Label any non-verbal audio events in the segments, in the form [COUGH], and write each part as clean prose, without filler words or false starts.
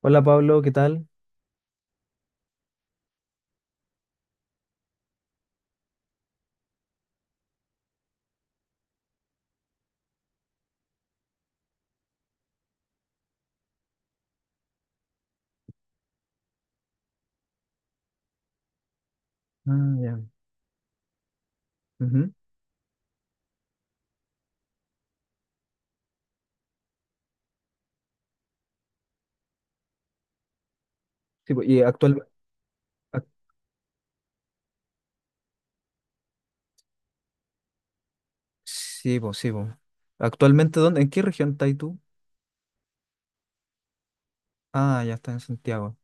Hola Pablo, ¿qué tal? Ah, ya. Ujú. Sí, po, y actual... ac- sí, po, sí, po. Actualmente, ¿dónde? ¿En qué región estás tú? Ah, ya está en Santiago.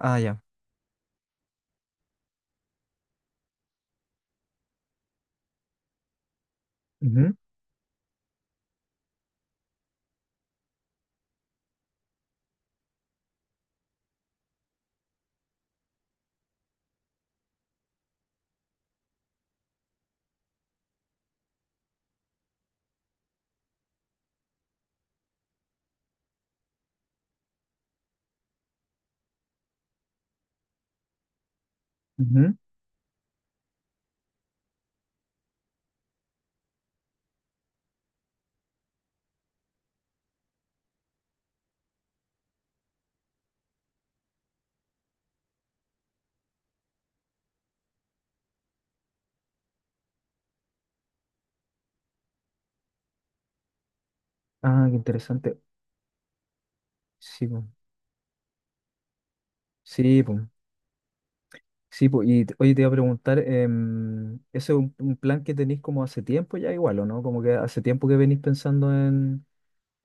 Ah, ya. Ujú, ujú. Ah, qué interesante. Sí, po. Sí, po. Sí, po. Oye, te iba a preguntar, ¿ese es un plan que tenéis como hace tiempo ya igual, o no? Como que hace tiempo que venís pensando en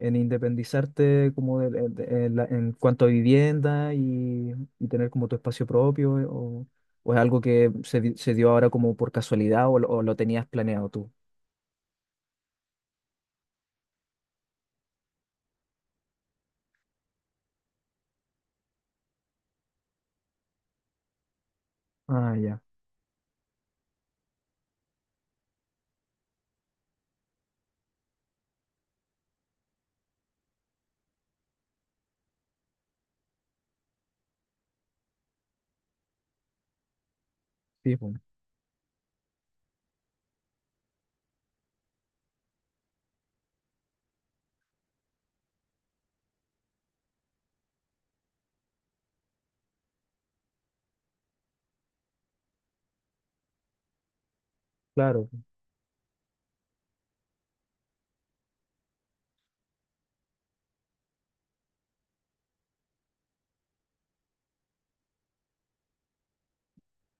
en independizarte como en cuanto a vivienda y tener como tu espacio propio o es algo que se dio ahora como por casualidad o, lo tenías planeado tú? Ah, ya. Sí, pues, claro.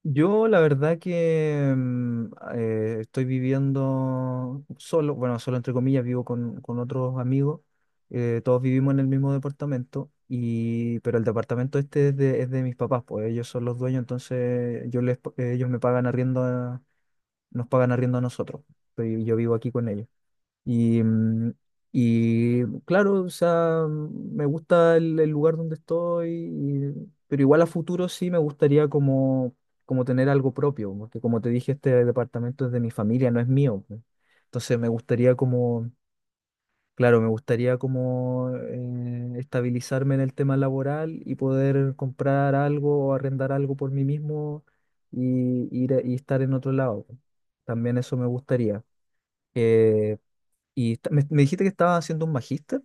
Yo la verdad que estoy viviendo solo, bueno, solo entre comillas, vivo con otros amigos, todos vivimos en el mismo departamento, y, pero el departamento este es es de mis papás, pues ellos son los dueños, entonces ellos me pagan arriendo, nos pagan arriendo a nosotros, y yo vivo aquí con ellos. Y, mm, y claro, o sea, me gusta el lugar donde estoy, pero igual a futuro sí me gustaría como, como tener algo propio, porque como te dije, este departamento es de mi familia, no es mío, pues. Entonces me gustaría como, claro, me gustaría como estabilizarme en el tema laboral y poder comprar algo o arrendar algo por mí mismo y, y estar en otro lado, pues. También eso me gustaría. Eh, me, me dijiste que estaba haciendo un magíster.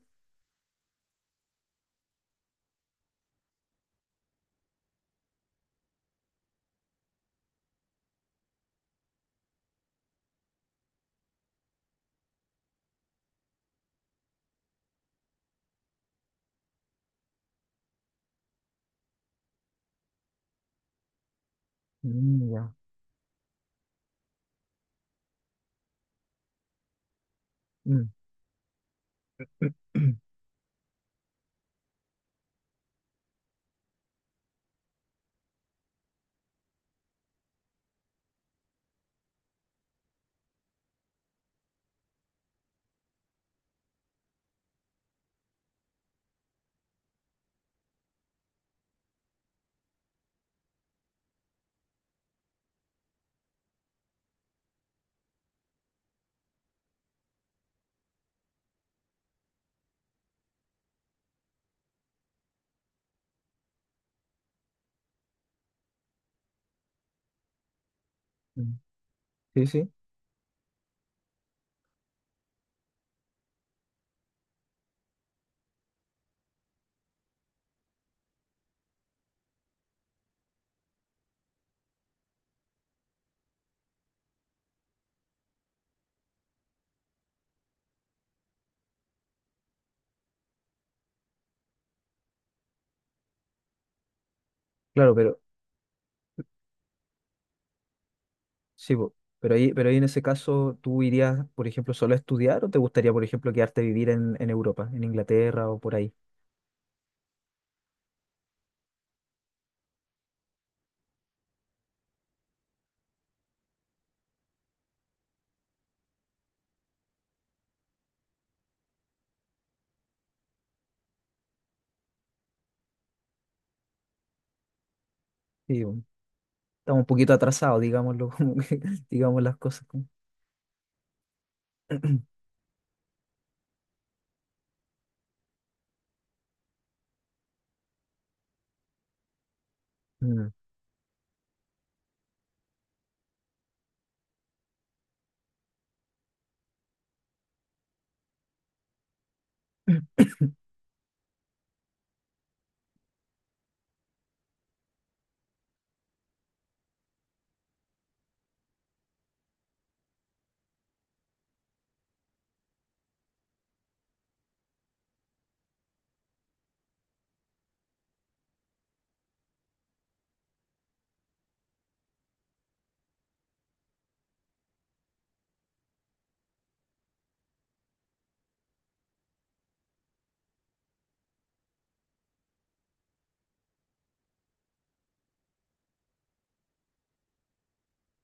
Mm, ya. Mm. [CLEARS THROAT] Mm. Sí, sí. Claro, pero sí, po. Pero ahí en ese caso, ¿tú irías, por ejemplo, solo a estudiar o te gustaría, por ejemplo, quedarte a vivir en Europa, en Inglaterra o por ahí? Sí, po. Estamos un poquito atrasados, digámoslo, [LAUGHS] digamos las cosas. [CLEARS THROAT] Mm.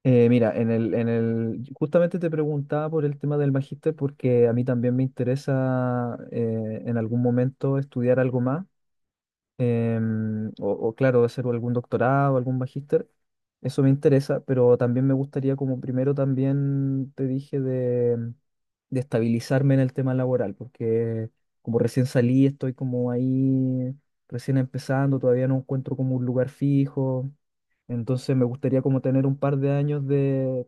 Mira, justamente te preguntaba por el tema del magíster porque a mí también me interesa en algún momento estudiar algo más o claro, hacer algún doctorado, algún magíster, eso me interesa, pero también me gustaría, como primero también te dije, de estabilizarme en el tema laboral, porque como recién salí, estoy como ahí, recién empezando, todavía no encuentro como un lugar fijo, entonces me gustaría como tener un par de años de,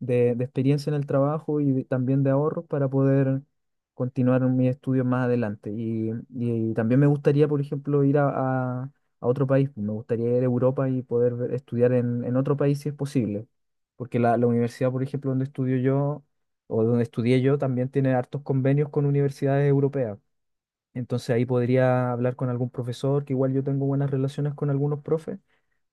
de, de experiencia en el trabajo y también de ahorros para poder continuar mis estudios más adelante. Y también me gustaría, por ejemplo, a- a otro país. Me gustaría ir a Europa y poder estudiar en otro país si es posible. Porque la universidad, por ejemplo, donde estudio yo, o donde estudié yo, también tiene hartos convenios con universidades europeas. Entonces ahí podría hablar con algún profesor, que igual yo tengo buenas relaciones con algunos profes.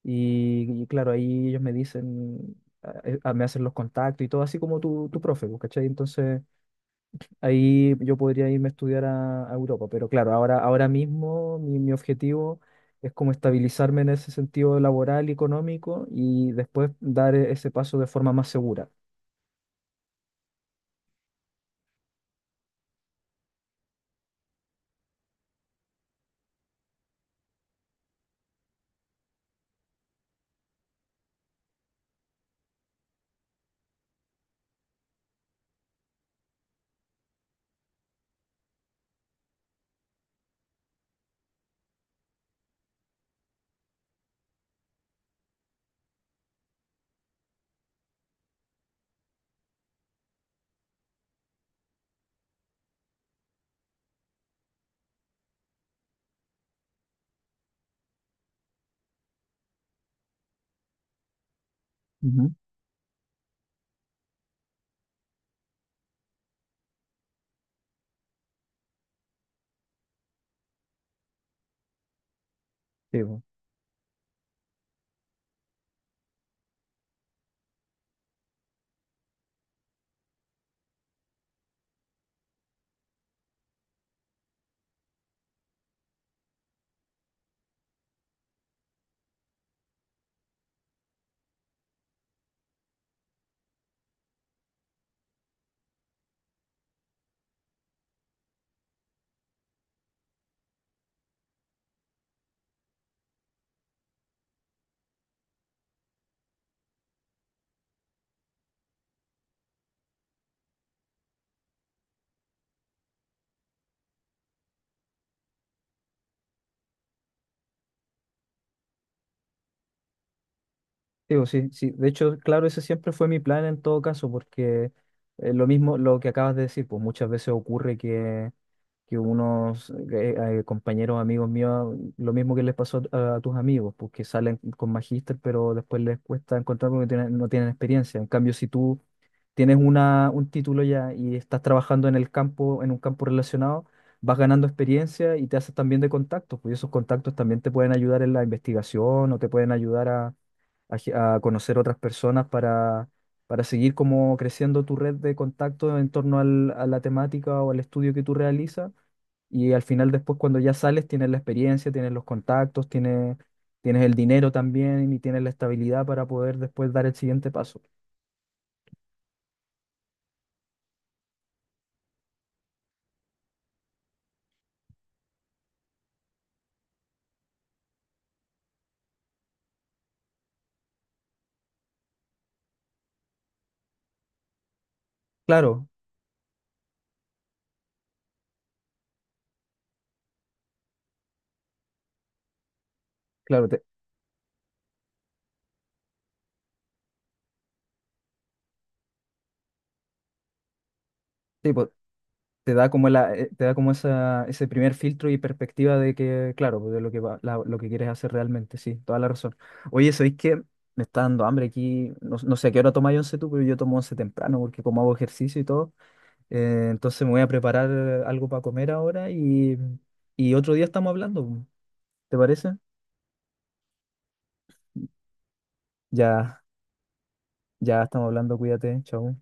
Y claro, ahí ellos me dicen, a- me hacen los contactos y todo, así como tu profe, pues, ¿cachai? Entonces... Ahí yo podría irme a estudiar a Europa, pero claro, ahora, ahora mismo mi objetivo es como estabilizarme en ese sentido laboral y económico y después ese paso de forma más segura. Ujú. Sí, digo, sí, sí. De hecho, claro, ese siempre fue mi plan en todo caso, porque lo mismo, lo que acabas de decir, pues muchas veces ocurre que unos compañeros, amigos míos, lo mismo que les pasó a tus amigos, pues que salen con magíster, pero después les cuesta encontrar porque no tienen experiencia. En cambio, si tú tienes un título ya y estás trabajando en el campo, en un campo relacionado, vas ganando experiencia y te haces también de contactos, pues, y esos contactos también te pueden ayudar en la investigación o te pueden ayudar a conocer otras personas para seguir como creciendo tu red de contacto en torno a la temática o al estudio que tú realizas. Y al final después cuando ya sales tienes la experiencia, tienes los contactos, tienes, tienes el dinero también y tienes la estabilidad para poder después dar el siguiente paso. Claro, claro, te, sí, pues, te da como te da como esa, ese primer filtro y perspectiva de que, claro, pues, de lo lo que quieres hacer realmente, sí, toda la razón. Oye, ¿sabéis qué? Me está dando hambre aquí, no, no sé a qué hora tomáis once tú, pero yo tomo once temprano porque como hago ejercicio y todo, entonces me voy a preparar algo para comer ahora y otro día estamos hablando, ¿te parece? Ya, ya estamos hablando, cuídate, chao.